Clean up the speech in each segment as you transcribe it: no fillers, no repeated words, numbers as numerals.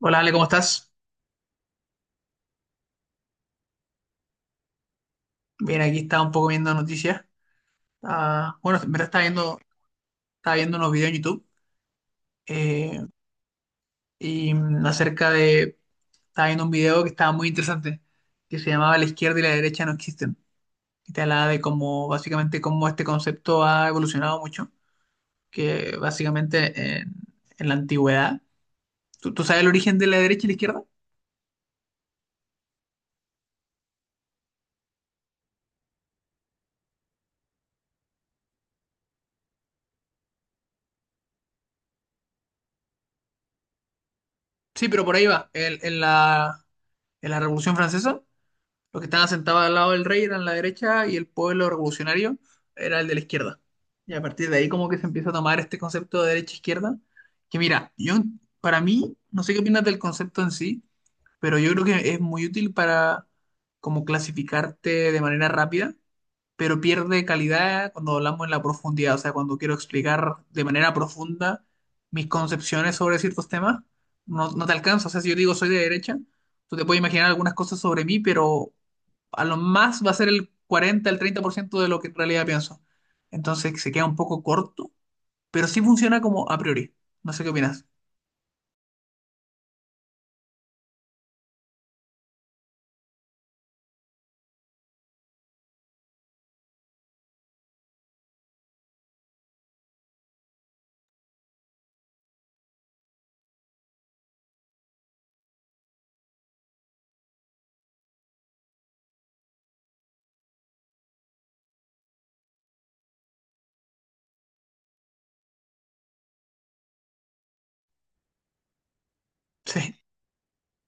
Hola, Ale, ¿cómo estás? Bien, aquí estaba un poco viendo noticias. Ah, bueno, en verdad estaba viendo unos videos en YouTube eh, y acerca de... Estaba viendo un video que estaba muy interesante, que se llamaba La izquierda y la derecha no existen. Y te hablaba de cómo, básicamente, cómo este concepto ha evolucionado mucho, que básicamente en la antigüedad... ¿¿Tú sabes el origen de la derecha y la izquierda? Sí, pero por ahí va. En la Revolución Francesa, los que estaban sentados al lado del rey eran la derecha y el pueblo revolucionario era el de la izquierda. Y a partir de ahí como que se empieza a tomar este concepto de derecha-izquierda, que mira, yo, para mí, no sé qué opinas del concepto en sí, pero yo creo que es muy útil para como clasificarte de manera rápida, pero pierde calidad cuando hablamos en la profundidad. O sea, cuando quiero explicar de manera profunda mis concepciones sobre ciertos temas, no te alcanza. O sea, si yo digo soy de derecha, tú te puedes imaginar algunas cosas sobre mí, pero a lo más va a ser el 40% el 30% de lo que en realidad pienso. Entonces se queda un poco corto, pero sí funciona como a priori. No sé qué opinas. Sí.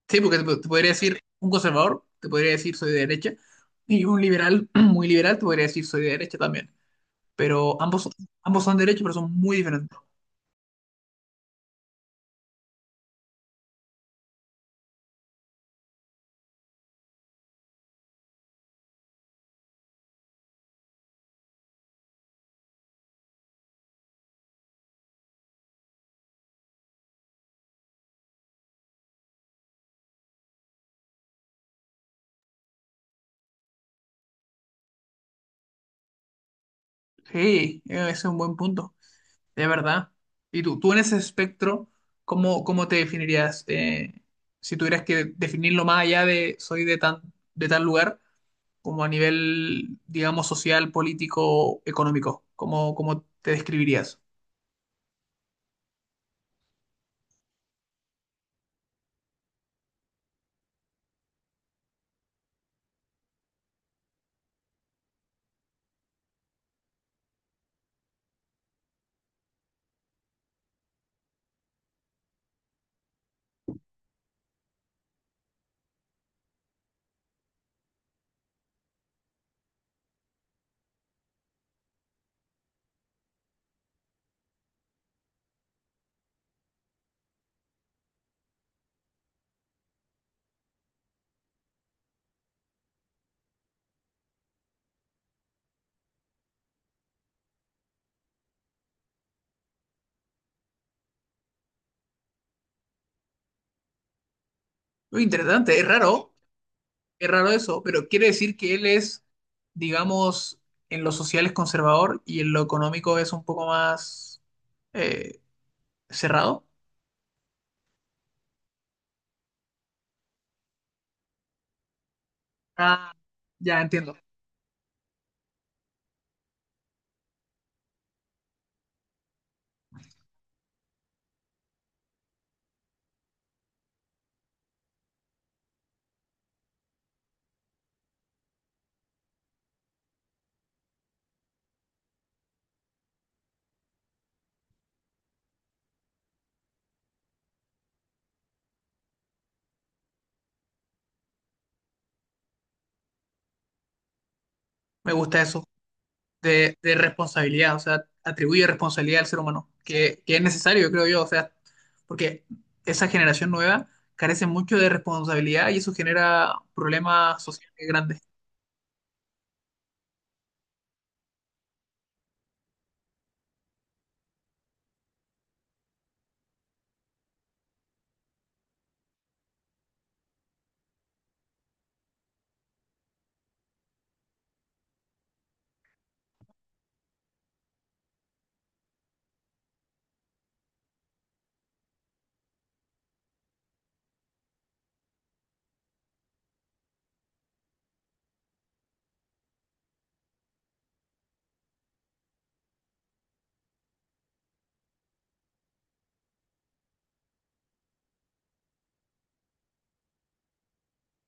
Sí, porque te podría decir un conservador, te podría decir soy de derecha, y un liberal muy liberal te podría decir soy de derecha también. Pero ambos, ambos son de derecha, pero son muy diferentes. Sí, ese es un buen punto, de verdad. Y tú en ese espectro, ¿cómo te definirías? Si tuvieras que definirlo más allá de de tal lugar, como a nivel, digamos, social, político, económico, ¿cómo te describirías? Muy interesante, es raro. Qué raro eso, pero quiere decir que él es, digamos, en lo social es conservador y en lo económico es un poco más eh, cerrado. Ah, ya entiendo. Me gusta eso de responsabilidad. O sea, atribuye responsabilidad al ser humano, que es necesario, creo yo. O sea, porque esa generación nueva carece mucho de responsabilidad y eso genera problemas sociales grandes.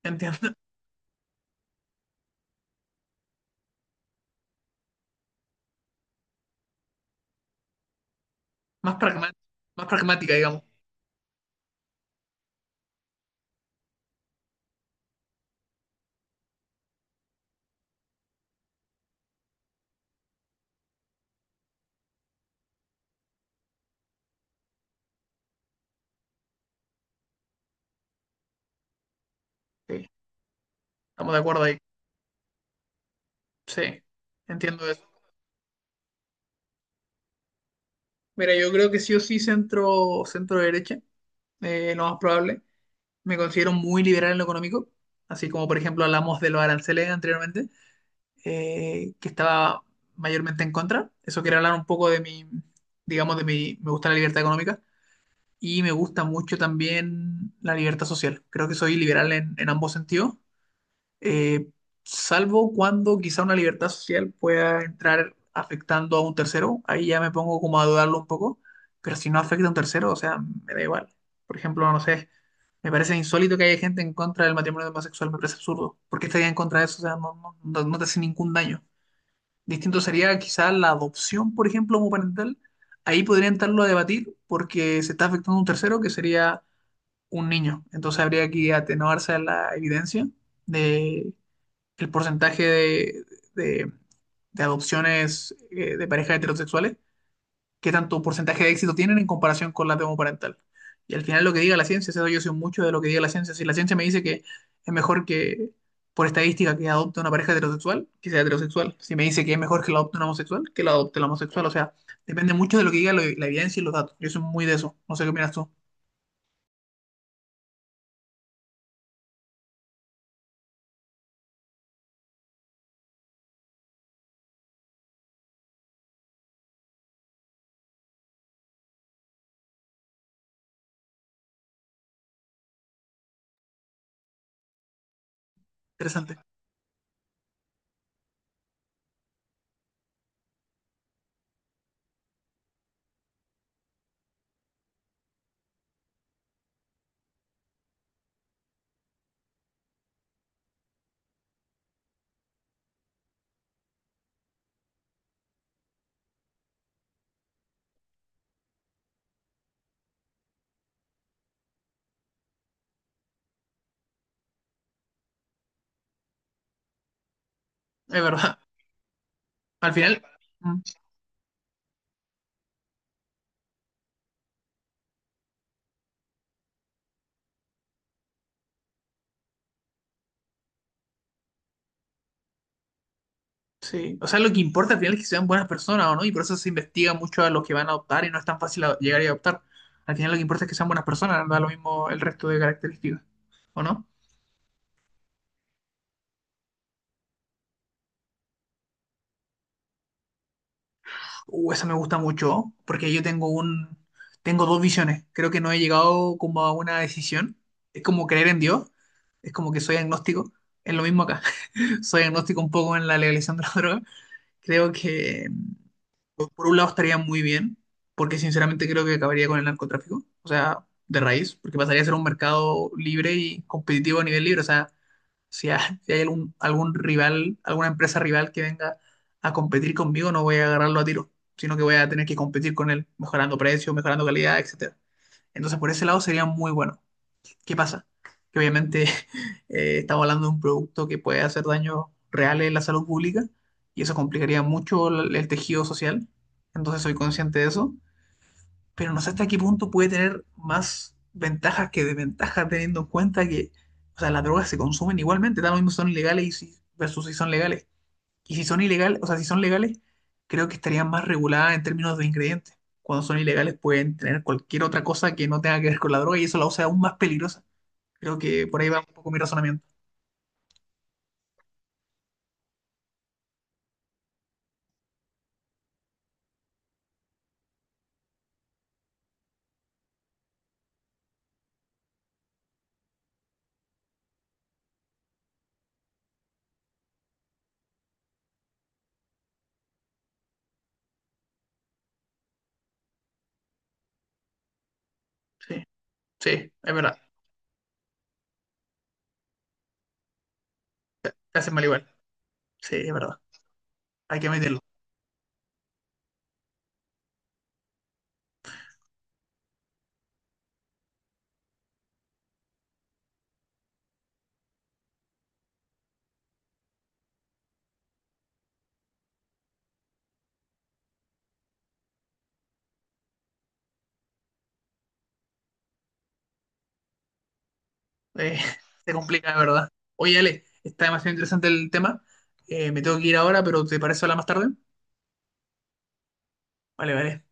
Entiendo. Más pragmática, más pragmática, digamos. Sí. Estamos de acuerdo ahí. Sí, entiendo eso. Mira, yo creo que sí o sí centro, centro derecha, lo más probable. Me considero muy liberal en lo económico, así como por ejemplo hablamos de los aranceles anteriormente, que estaba mayormente en contra. Eso quiero hablar un poco de mi, digamos, de mi, me gusta la libertad económica y me gusta mucho también la libertad social. Creo que soy liberal en ambos sentidos, eh, salvo cuando quizá una libertad social pueda entrar afectando a un tercero, ahí ya me pongo como a dudarlo un poco, pero si no afecta a un tercero, o sea, me da igual. Por ejemplo, no sé, me parece insólito que haya gente en contra del matrimonio homosexual, me parece absurdo. ¿Por qué estaría en contra de eso? O sea, no te hace ningún daño. Distinto sería quizá la adopción, por ejemplo, homoparental. Ahí podría entrarlo a debatir porque se está afectando a un tercero que sería un niño. Entonces habría que atenuarse a la evidencia de el de- de adopciones de parejas heterosexuales, qué tanto porcentaje de éxito tienen en comparación con la de homoparental. Y al final lo que diga la ciencia, eso yo soy mucho de lo que diga la ciencia. Si la ciencia me dice que es mejor que, por estadística, que adopte una pareja heterosexual, que sea heterosexual. Si me dice que es mejor que la adopte un homosexual, que la adopte el homosexual. O sea, depende mucho de lo que diga la evidencia y los datos. Yo soy muy de eso. No sé qué opinas tú. Interesante. Es verdad. Al final... Sí, o sea, lo que importa al final es que sean buenas personas o no, y por eso se investiga mucho a los que van a adoptar y no es tan fácil llegar y adoptar. Al final lo que importa es que sean buenas personas, da lo mismo el resto de características, ¿o no? Esa me gusta mucho, porque tengo dos visiones. Creo que no he llegado como a una decisión. Es como creer en Dios, es como que soy agnóstico. Es lo mismo acá. Soy agnóstico un poco en la legalización de la droga. Creo que por un lado estaría muy bien, porque sinceramente creo que acabaría con el narcotráfico, o sea, de raíz, porque pasaría a ser un mercado libre y competitivo a nivel libre. O sea, si hay algún rival, alguna empresa rival que venga a competir conmigo, no voy a agarrarlo a tiro, sino que voy a tener que competir con él, mejorando precios, mejorando calidad, etcétera. Entonces, por ese lado sería muy bueno. ¿Qué pasa? Que obviamente estamos hablando de un producto que puede hacer daños reales en la salud pública y eso complicaría mucho el tejido social. Entonces soy consciente de eso, pero no sé hasta qué punto puede tener más ventajas que desventajas teniendo en cuenta que, o sea, las drogas se consumen igualmente, tal lo mismo si son ilegales versus si son legales. Y si son ilegales, o sea, si son legales, creo que estarían más reguladas en términos de ingredientes. Cuando son ilegales pueden tener cualquier otra cosa que no tenga que ver con la droga y eso la hace aún más peligrosa. Creo que por ahí va un poco mi razonamiento. Sí, sí, es verdad. Te hacen mal igual. Sí, es verdad. Hay que meterlo. Eh, se complica, es verdad. Oye, Ale, está demasiado interesante el tema. Me tengo que ir ahora, pero ¿te parece hablar más tarde? Vale, vale.